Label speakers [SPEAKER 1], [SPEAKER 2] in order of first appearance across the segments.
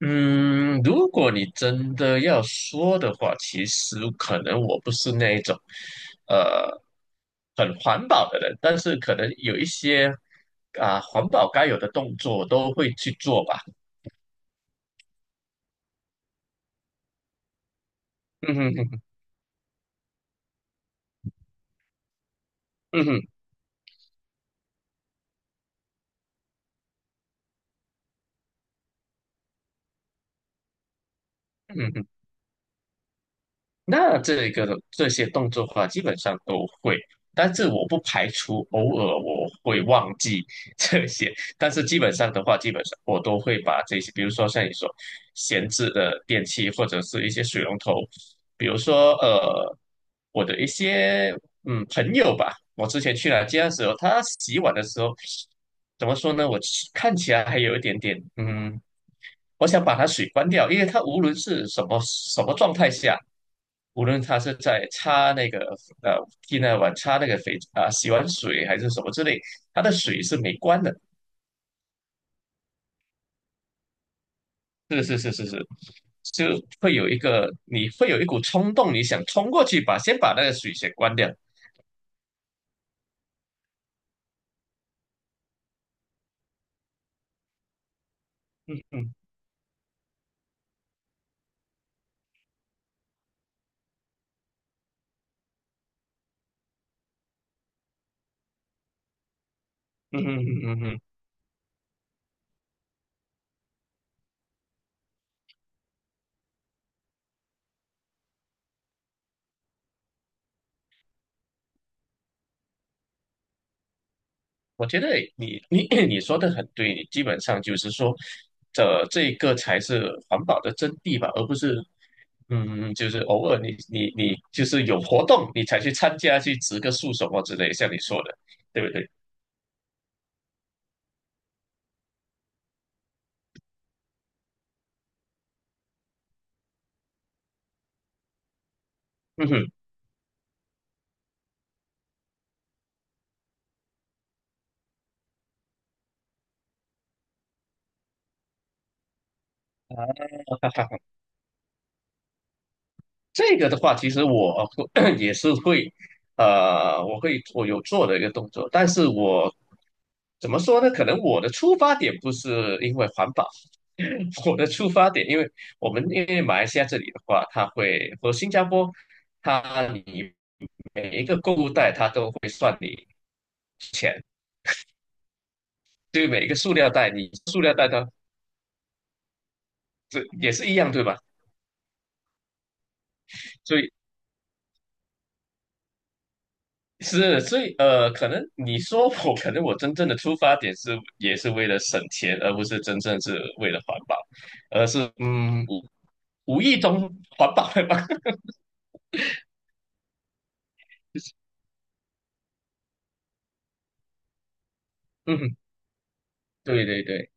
[SPEAKER 1] 嗯，如果你真的要说的话，其实可能我不是那一种，呃，很环保的人，但是可能有一些环保该有的动作我都会去做吧。嗯哼哼。嗯哼。嗯哼。那这些动作的话，基本上都会，但是我不排除偶尔我会忘记 这些，但是基本上我都会把这些，比如说像你说闲置的电器或者是一些水龙头。比如说我的一些朋友吧，我之前去他家的时候，他洗碗的时候怎么说呢？我其看起来还有一点点我想把它水关掉，因为它无论是什么什么状态下，无论它是在擦那个呃替那碗擦那个肥洗完水还是什么之类，它的水是没关的。是是是是是。就会有一个你会有一股冲动，你想冲过去先把那个水先关掉。嗯嗯嗯嗯嗯嗯嗯我觉得你说的很对，你基本上就是说。这个才是环保的真谛吧，而不是就是偶尔你就是有活动，你才去参加去植个树什么之类，像你说的，对不对？嗯哼。这个的话，其实我 也是会。我有做的一个动作，但是我怎么说呢？可能我的出发点不是因为环保。我的出发点，因为我们因为马来西亚这里的话，它会和新加坡，你每一个购物袋它都会算你钱。对于每一个塑料袋，你塑料袋它这也是一样，对吧？所以是，所以可能你说我，可能我真正的出发点也是为了省钱，而不是真正是为了环保，而是无意中环保了吧？嗯，对对对。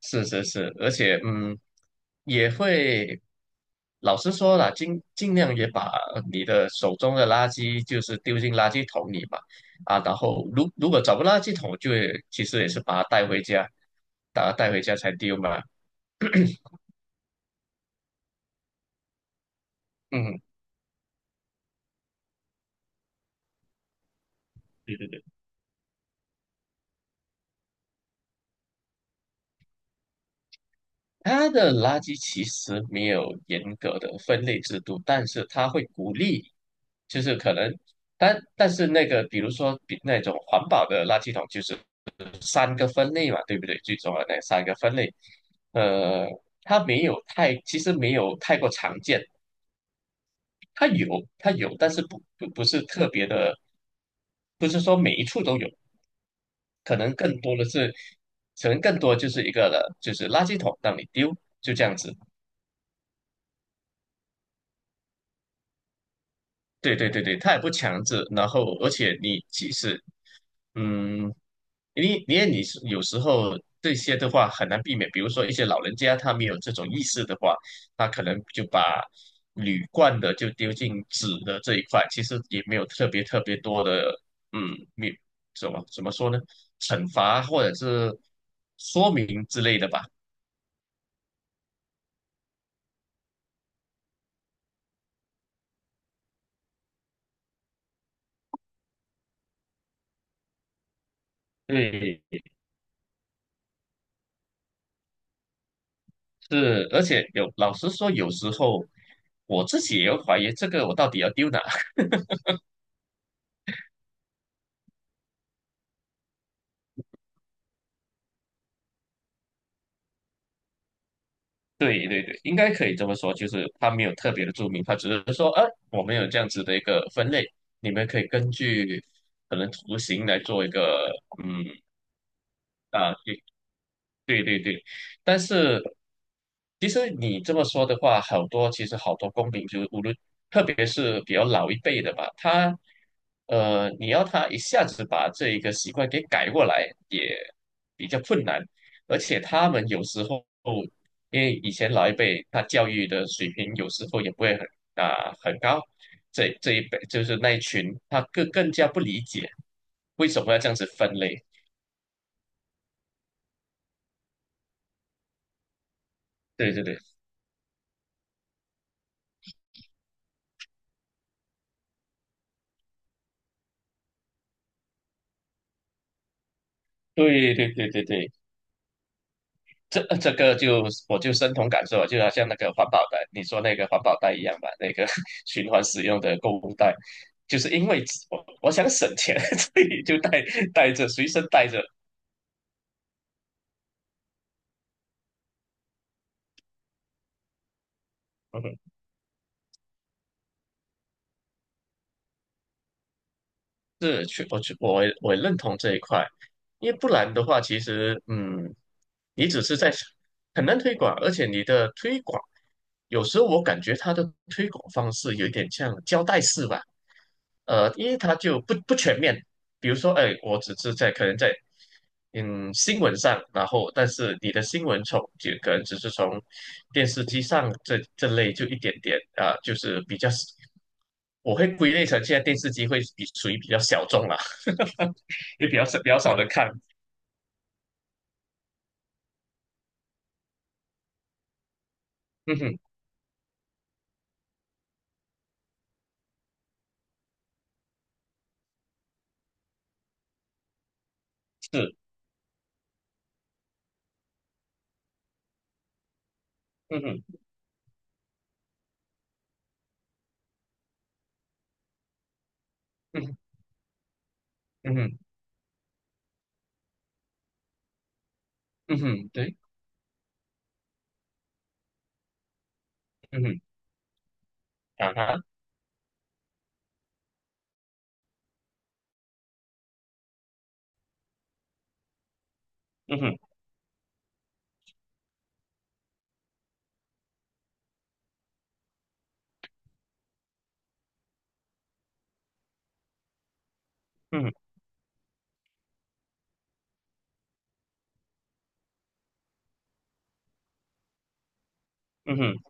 [SPEAKER 1] 是是是，而且也会。老实说了，尽量也把你的手中的垃圾就是丢进垃圾桶里嘛。啊，然后如果找不到垃圾桶，就会其实也是把它带回家，把它带回家才丢嘛。嗯，对对。它的垃圾其实没有严格的分类制度，但是它会鼓励，就是可能，但是那个，比如说比那种环保的垃圾桶，就是三个分类嘛，对不对？最重要的那三个分类。呃，它没有太，其实没有太过常见，它有，它有，但是不是特别的，不是说每一处都有。可能更多的是，可能更多就是一个了，就是垃圾桶让你丢，就这样子。对对对对，他也不强制，然后而且你即使嗯，你因为你是有时候这些的话很难避免。比如说一些老人家他没有这种意识的话，他可能就把铝罐的就丢进纸的这一块，其实也没有特别特别多的嗯，没怎么说呢，惩罚或者是说明之类的吧。对，是，而且有老实说，有时候我自己也有怀疑，这个我到底要丢哪。对对对，应该可以这么说，就是它没有特别的注明，它只是说，我们有这样子的一个分类，你们可以根据可能图形来做一个。嗯啊，对对对。但是其实你这么说的话，其实好多公民，就是无论特别是比较老一辈的吧。你要他一下子把这一个习惯给改过来，也比较困难。而且他们有时候，因为以前老一辈他教育的水平有时候也不会很很高。这一辈就是那一群，他更加不理解为什么要这样子分类。对对对对对对对对。这个我就深同感受啊，就好像那个环保袋，你说那个环保袋一样吧，那个 循环使用的购物袋，就是因为我想省钱，所以就带着随身带着。嗯哼，是。去我去我也我也认同这一块，因为不然的话，其实你只是在很难推广。而且你的推广有时候我感觉它的推广方式有一点像胶带式吧。因为它就不全面。比如说，哎，我只是在可能在新闻上，然后但是你的新闻就可能只是从电视机上这类就一点点啊，就是比较，我会归类成现在电视机会比属于比较小众啦。也比较少比较少的看。嗯哼，是。嗯哼。嗯哼。嗯哼。嗯哼。对。嗯哼。啊哈。嗯哼。嗯哼。嗯哼。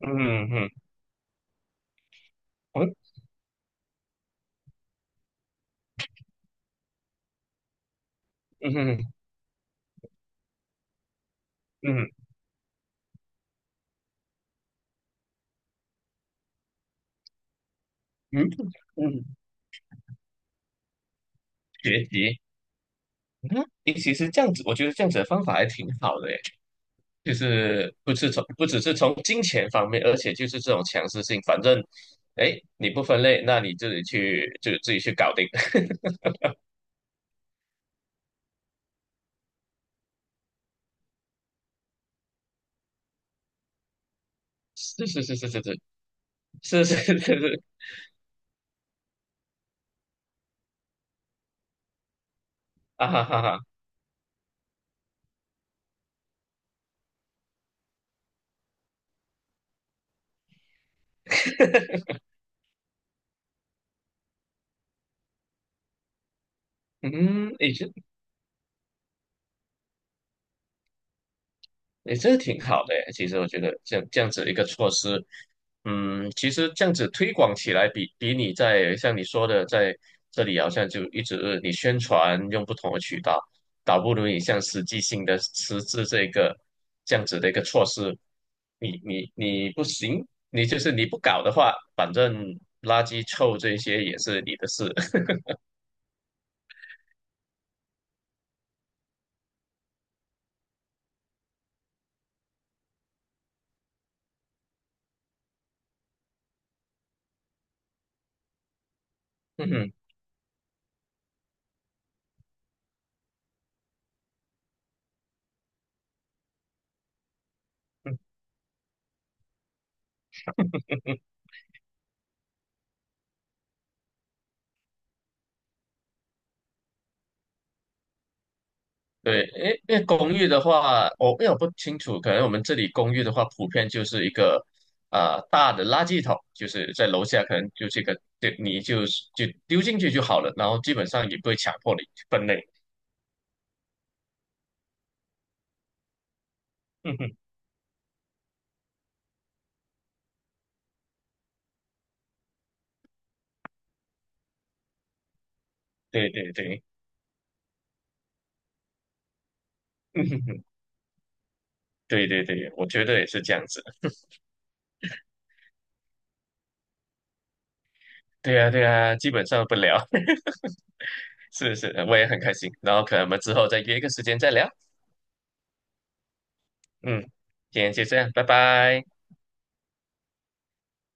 [SPEAKER 1] 嗯哼。嗯哼。嗯哼。嗯哼。嗯哼。嗯哼。学习。嗯，诶其实这样子，我觉得这样子的方法还挺好的耶。就是不是从不只是从金钱方面，而且就是这种强制性。反正，哎，你不分类，那你自己去就自己去搞定。是是是是是是是是是是。啊哈哈哈。嗯，诶，诶，这挺好的诶。其实我觉得这样子一个措施。嗯，其实这样子推广起来比，你在像你说的，在这里好像就一直你宣传用不同的渠道，倒不如你像实际性的实质这个这样子的一个措施。你不行，你就是你不搞的话，反正垃圾臭这些也是你的事。嗯哼。对，因为公寓的话，因为我不清楚，可能我们这里公寓的话，普遍就是一个大的垃圾桶，就是在楼下，可能就这个，对，你就是就丢进去就好了，然后基本上也不会强迫你去分类。嗯哼，对对对。嗯哼哼。对对对，我觉得也是这样子。对啊对啊，基本上不聊。是是，我也很开心。然后可能我们之后再约一个时间再聊。嗯，今天就这样，拜拜。